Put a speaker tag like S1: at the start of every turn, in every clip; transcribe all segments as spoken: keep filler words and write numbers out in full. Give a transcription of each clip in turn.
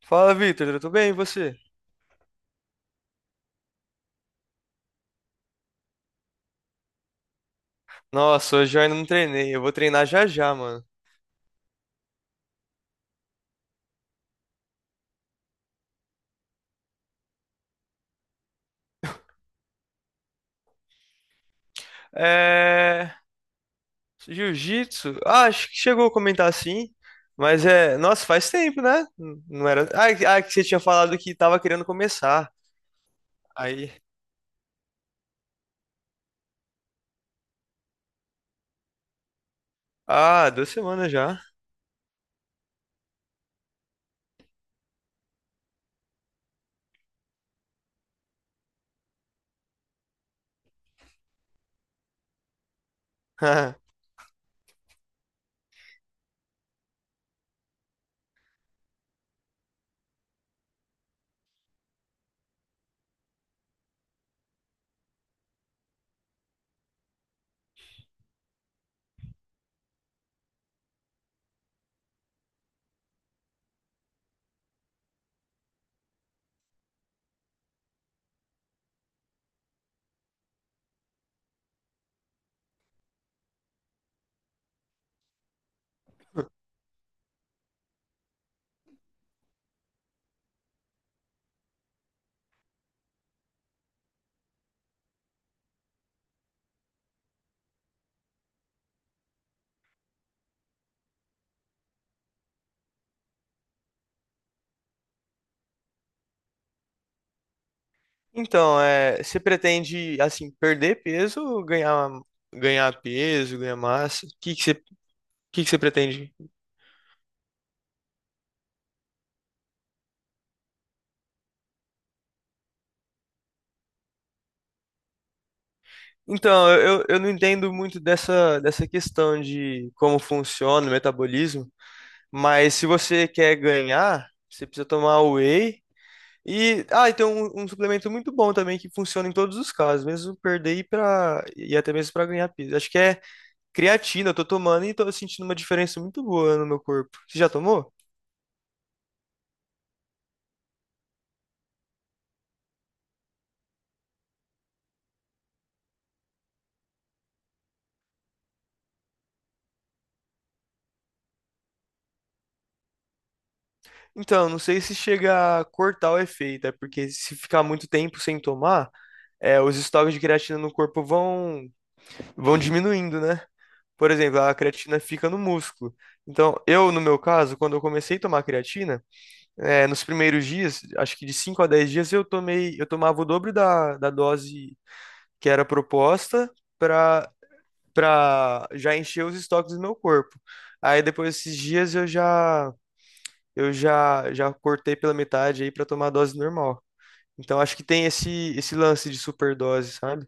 S1: Fala, Victor, tudo bem? E você? Nossa, hoje eu ainda não treinei. Eu vou treinar já já, mano. É. Jiu-jitsu? Ah, acho que chegou a comentar sim. Mas é. Nossa, faz tempo, né? N- Não era. Ah, que ah, que você tinha falado que tava querendo começar. Aí. Ah, duas semanas já. Então, é. Você pretende, assim, perder peso ou ganhar, ganhar peso, ganhar massa? O que que você, o que que você pretende? Então, eu, eu não entendo muito dessa, dessa questão de como funciona o metabolismo, mas se você quer ganhar, você precisa tomar whey. E, ah, e tem um, um suplemento muito bom também que funciona em todos os casos, mesmo perder e, pra, e até mesmo para ganhar peso. Acho que é creatina, eu tô tomando e tô sentindo uma diferença muito boa no meu corpo. Você já tomou? Então, não sei se chega a cortar o efeito, é porque se ficar muito tempo sem tomar, é, os estoques de creatina no corpo vão, vão diminuindo, né? Por exemplo, a creatina fica no músculo. Então, eu, no meu caso, quando eu comecei a tomar creatina, eh, nos primeiros dias, acho que de cinco a dez dias, eu tomei, eu tomava o dobro da, da dose que era proposta para para já encher os estoques do meu corpo. Aí depois desses dias eu já eu já já cortei pela metade aí para tomar a dose normal. Então acho que tem esse esse lance de superdose, sabe?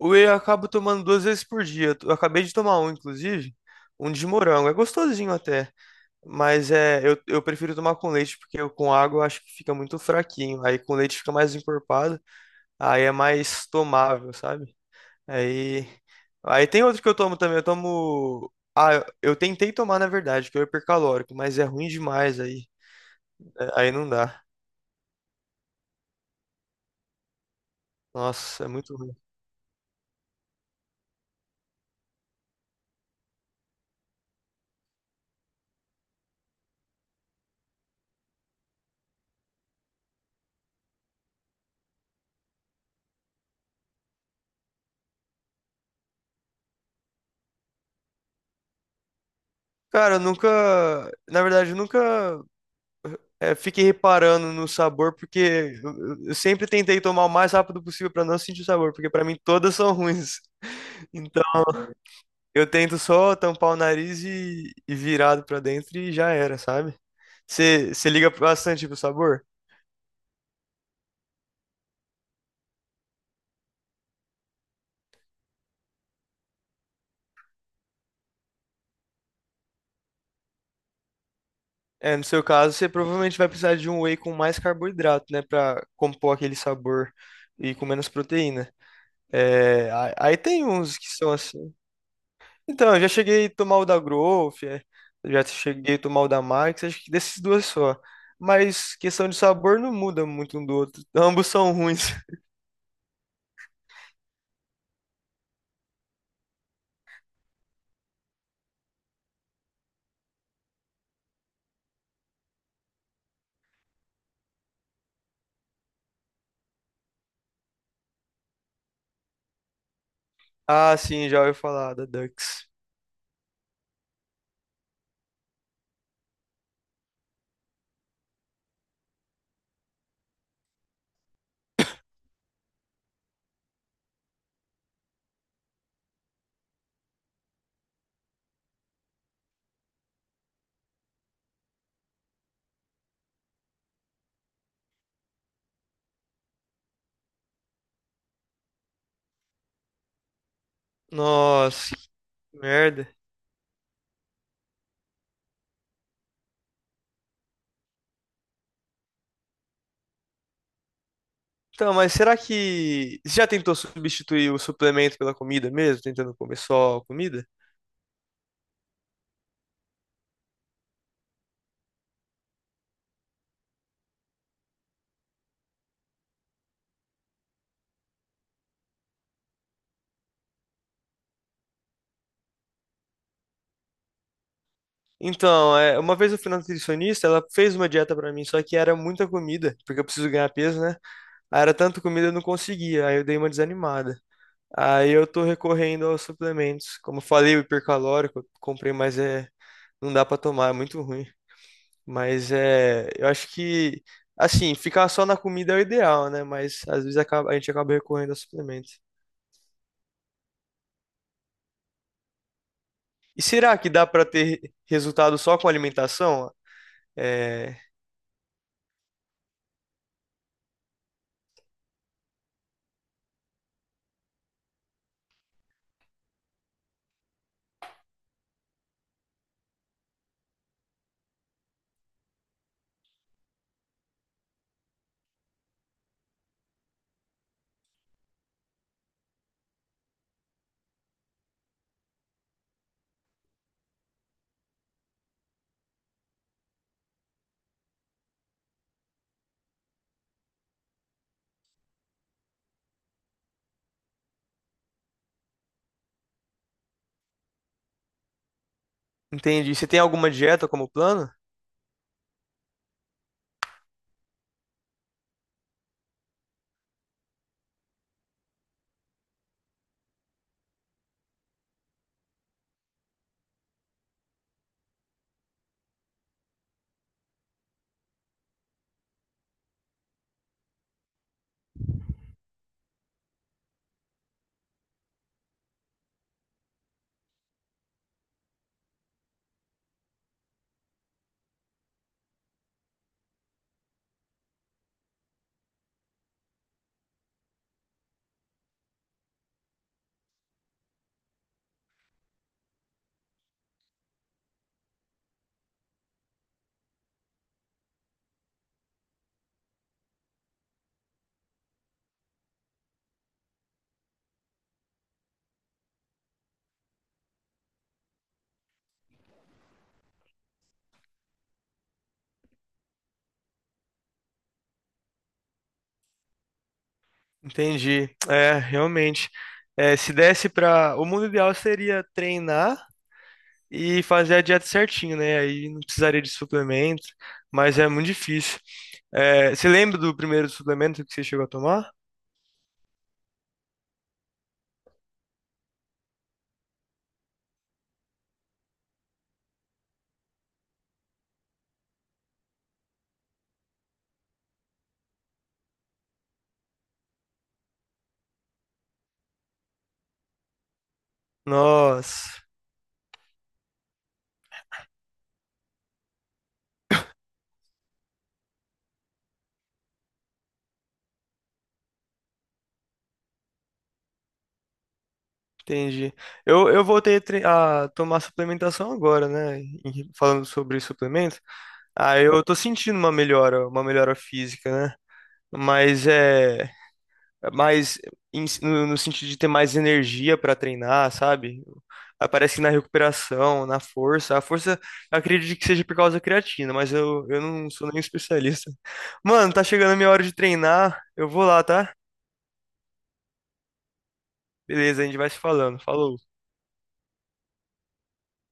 S1: Whey eu acabo tomando duas vezes por dia. Eu acabei de tomar um, inclusive, um de morango. É gostosinho até, mas é, eu, eu prefiro tomar com leite, porque eu, com água eu acho que fica muito fraquinho. Aí com leite fica mais encorpado, aí é mais tomável, sabe? Aí, aí tem outro que eu tomo também. Eu tomo. Ah, eu eu tentei tomar, na verdade, que é o hipercalórico, mas é ruim demais aí. É, aí não dá. Nossa, é muito ruim. Cara, eu nunca. Na verdade, eu nunca é, fique reparando no sabor, porque eu- eu sempre tentei tomar o mais rápido possível para não sentir o sabor, porque para mim todas são ruins. Então eu tento só tampar o nariz e, e virado para dentro e já era, sabe? Você você liga bastante pro sabor? É, no seu caso, você provavelmente vai precisar de um whey com mais carboidrato, né, para compor aquele sabor e com menos proteína. É, a- aí tem uns que são assim. Então, eu já cheguei a tomar o da Growth, é, já cheguei a tomar o da Max, acho que desses duas só. Mas questão de sabor não muda muito um do outro. Ambos são ruins. Ah, sim, já ouvi falar da Dux. Nossa, que merda. Então, mas será que você já tentou substituir o suplemento pela comida mesmo, tentando comer só comida? Então, é, uma vez eu fui na nutricionista, ela fez uma dieta pra mim, só que era muita comida, porque eu preciso ganhar peso, né? Aí era tanta comida eu não conseguia, aí eu dei uma desanimada. Aí eu tô recorrendo aos suplementos. Como falei, o hipercalórico, eu comprei, mas é, não dá pra tomar, é muito ruim. Mas é, eu acho que, assim, ficar só na comida é o ideal, né? Mas às vezes acaba- a gente acaba recorrendo aos suplementos. E será que dá pra ter re- resultado só com alimentação? É, entendi. Você tem alguma dieta como plano? Entendi. É, realmente. É, se desse pra. O mundo ideal seria treinar e fazer a dieta certinho, né? Aí não precisaria de suplemento, mas é muito difícil. É, você lembra do primeiro suplemento que você chegou a tomar? Nossa, entendi. Eu, eu voltei a, tre- a tomar suplementação agora, né? Em- Falando sobre suplemento. Ah, eu tô sentindo uma melhora, uma melhora física, né? Mas é. Mais em- si, no, no sentido de ter mais energia para treinar, sabe? Aparece na recuperação, na força. A força, eu acredito que seja por causa da creatina, mas eu, eu não sou nenhum especialista. Mano, tá chegando a minha hora de treinar. Eu vou lá, tá? Beleza, a gente vai se falando. Falou.